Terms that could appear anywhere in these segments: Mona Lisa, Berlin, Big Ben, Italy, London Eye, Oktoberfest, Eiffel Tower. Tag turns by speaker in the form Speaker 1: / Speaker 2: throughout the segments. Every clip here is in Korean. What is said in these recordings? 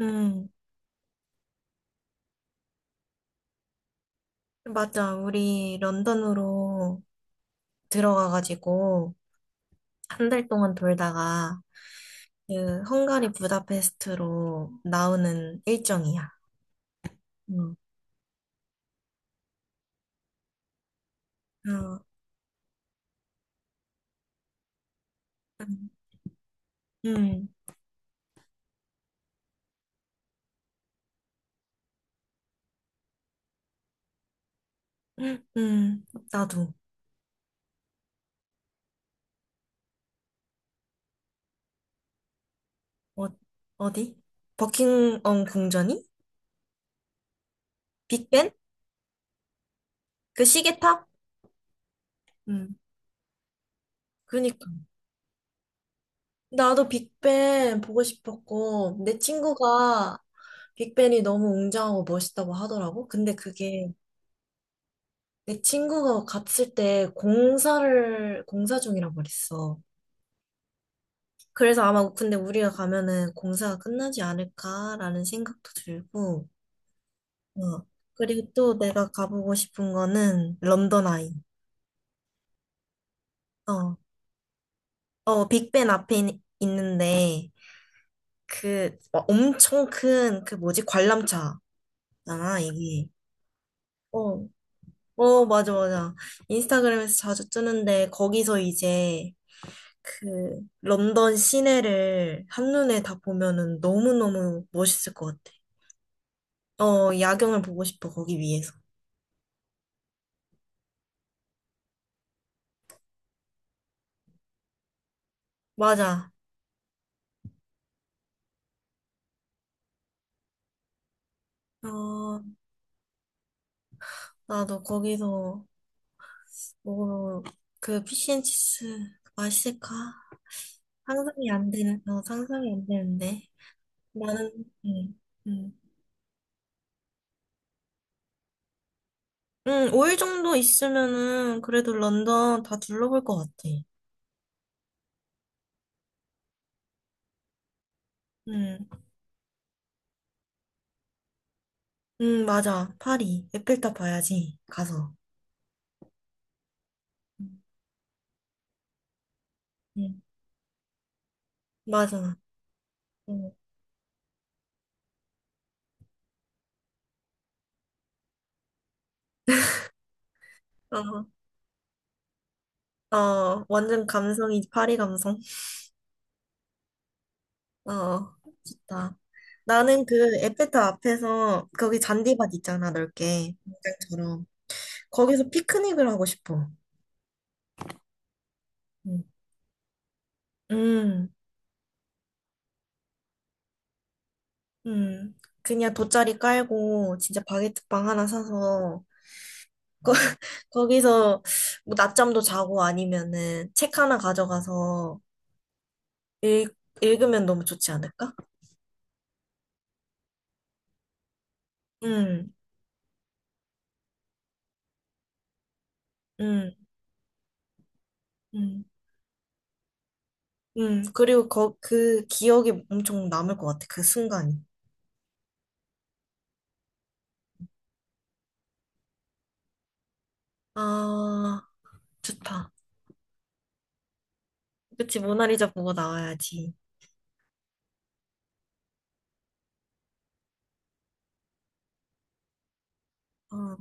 Speaker 1: 음, 맞아. 우리 런던으로 들어가가지고 한 달 동안 돌다가 그 헝가리 부다페스트로 나오는 일정이야. 음, 어, 음, 음, 음, 나도. 어, 어디? 버킹엄 궁전이? 빅벤? 그 시계탑? 음, 그니까. 나도 빅벤 보고 싶었고, 내 친구가 빅벤이 너무 웅장하고 멋있다고 하더라고. 근데 그게 내 친구가 갔을 때 공사 중이라고 그랬어. 그래서 아마 근데 우리가 가면은 공사가 끝나지 않을까라는 생각도 들고, 어. 그리고 또 내가 가보고 싶은 거는 런던 아이. 어, 어, 빅벤 앞에 있는데, 그 어, 엄청 큰 그 뭐지? 관람차잖아, 이게. 어, 어, 맞아, 맞아. 인스타그램에서 자주 뜨는데, 거기서 이제 그 런던 시내를 한눈에 다 보면은 너무너무 멋있을 것 같아. 어, 야경을 보고 싶어, 거기 위에서. 맞아. 어, 나도 거기서 뭐, 그 피시앤치스 맛있을까? 상상이 안 되는, 어, 상상이 안 되는데. 나는, 응, 응. 응, 5일 정도 있으면은 그래도 런던 다 둘러볼 것 같아. 응, 응, 맞아. 파리. 에펠탑 봐야지, 가서. 응, 응. 맞아. 응. 어, 어, 완전 감성이 파리 감성. 어, 좋다. 나는 그 에펠탑 앞에서 거기 잔디밭 있잖아, 넓게. 공장처럼. 거기서 피크닉을 하고 싶어. 응. 음, 음. 그냥 돗자리 깔고 진짜 바게트빵 하나 사서 거, 거기서 뭐 낮잠도 자고 아니면은 책 하나 가져가서 읽, 읽으면 너무 좋지 않을까? 음, 음, 음. 그리고 거, 그 기억이 엄청 남을 것 같아, 그 순간이. 아, 좋다. 그치, 모나리자 보고 나와야지. 어,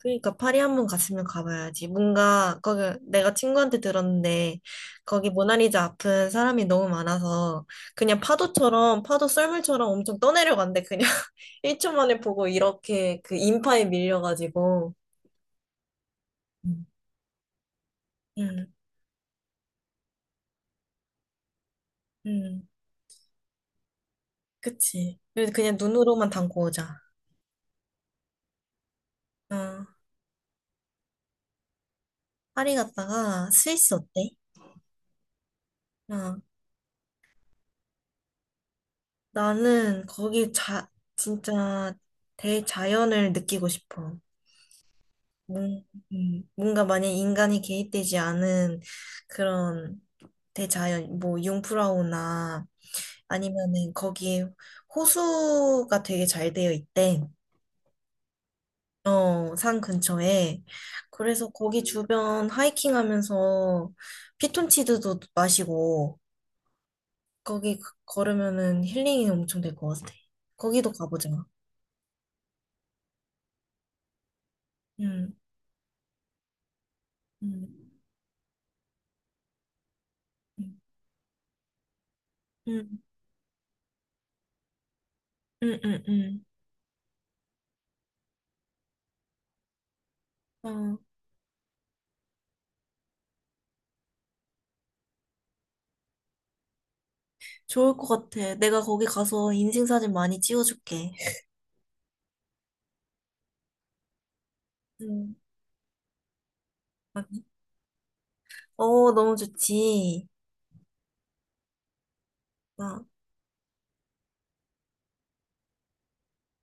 Speaker 1: 그러니까 파리 한번 갔으면 가봐야지. 뭔가 거기 내가 친구한테 들었는데 거기 모나리자 앞은 사람이 너무 많아서 그냥 파도처럼 파도 썰물처럼 엄청 떠내려간대 그냥 1초 만에 보고 이렇게 그 인파에 밀려가지고. 음, 음, 음, 그치. 그래서 그냥 눈으로만 담고 오자. 어, 파리 갔다가 스위스 어때? 어, 나는 거기 자, 진짜 대자연을 느끼고 싶어. 뭔- 뭔가 만약 인간이 개입되지 않은 그런 대자연, 뭐 융프라우나 아니면은 거기에 호수가 되게 잘 되어 있대. 어, 산 근처에. 그래서 거기 주변 하이킹 하면서 피톤치드도 마시고 거기 걸으면은 힐링이 엄청 될 것 같아. 거기도 가보자. 응. 응. 응, 응, 응, 응. 어, 좋을 것 같아. 내가 거기 가서 인생사진 많이 찍어줄게. 응. 아, 어, 너무 좋지. 막,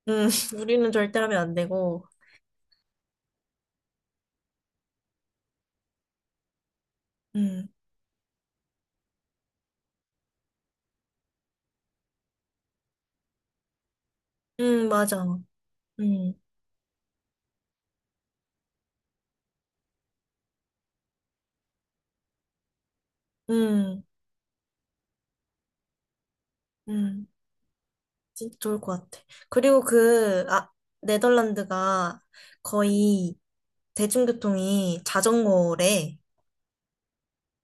Speaker 1: 응, 우리는 절대 하면 안 되고. 응, 응, 맞아. 응, 응, 응. 진짜 좋을 것 같아. 그리고 그, 아, 네덜란드가 거의 대중교통이 자전거래.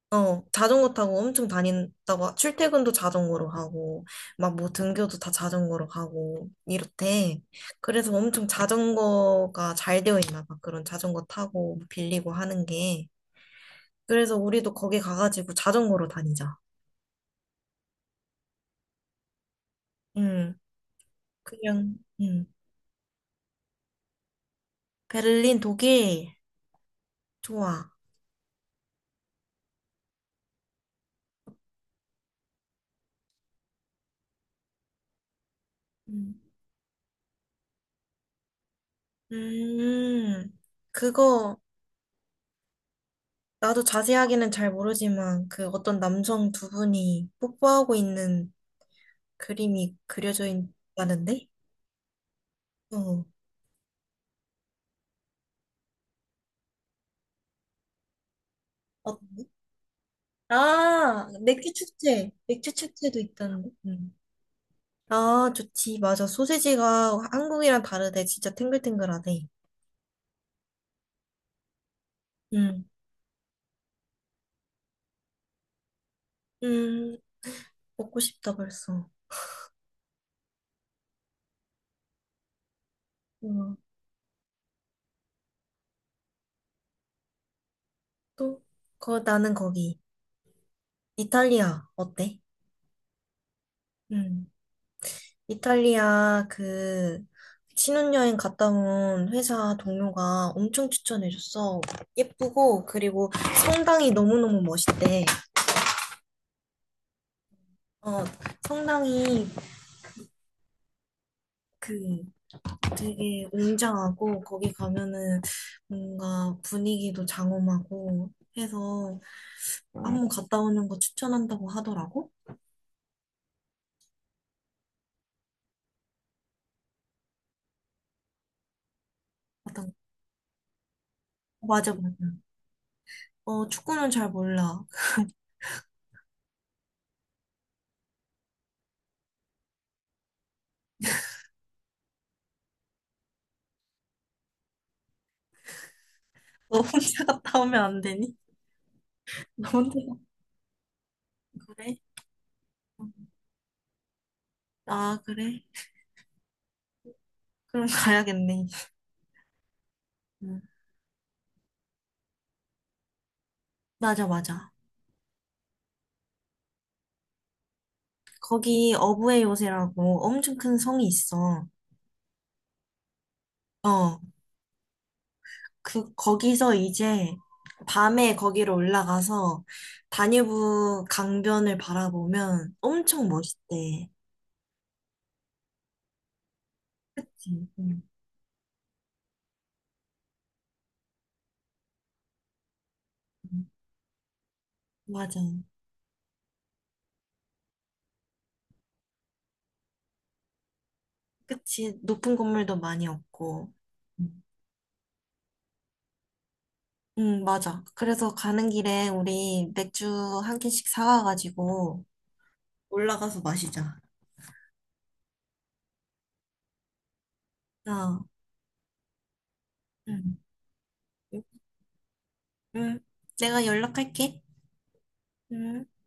Speaker 1: 어, 자전거 타고 엄청 다닌다고, 출퇴근도 자전거로 하고, 막 뭐 등교도 다 자전거로 가고, 이렇대. 그래서 엄청 자전거가 잘 되어 있나 봐. 그런 자전거 타고 뭐 빌리고 하는 게. 그래서 우리도 거기 가가지고 자전거로 다니자. 응, 그냥, 응. 베를린, 독일, 좋아. 음, 음, 그거, 나도 자세하게는 잘 모르지만, 그 어떤 남성 두 분이 뽀뽀하고 있는 그림이 그려져 있다는데? 어. 어, 떤 아, 맥주 축제. 맥주 축제도 있다는데. 음. 아, 좋지. 맞아. 소세지가 한국이랑 다르대. 진짜 탱글탱글하대. 음. 음, 먹고 싶다, 벌써. 음. 또, 거, 나는 거기. 이탈리아, 어때? 음. 이탈리아, 그, 신혼여행 갔다 온 회사 동료가 엄청 추천해줬어. 예쁘고, 그리고 성당이 너무너무 멋있대. 어, 성당이 그 되게 웅장하고 거기 가면은 뭔가 분위기도 장엄하고 해서 한번 갔다 오는 거 추천한다고 하더라고. 어 맞아 맞아. 어, 축구는 잘 몰라. 너 혼자 갔다 오면 안 되니? 너 혼자 갔다- 그래? 아, 그래? 그럼 가야겠네. 응. 맞아 맞아. 거기 어부의 요새라고 엄청 큰 성이 있어. 어. 그, 거기서 이제 밤에 거기로 올라가서 다뉴브 강변을 바라보면 엄청 멋있대. 음, 음, 음. 맞아. 그치. 높은 건물도 많이 없고. 음, 맞아. 그래서 가는 길에 우리 맥주 한 캔씩 사와가지고 올라가서 마시자. 어, 응, 응. 내가 연락할게. 응.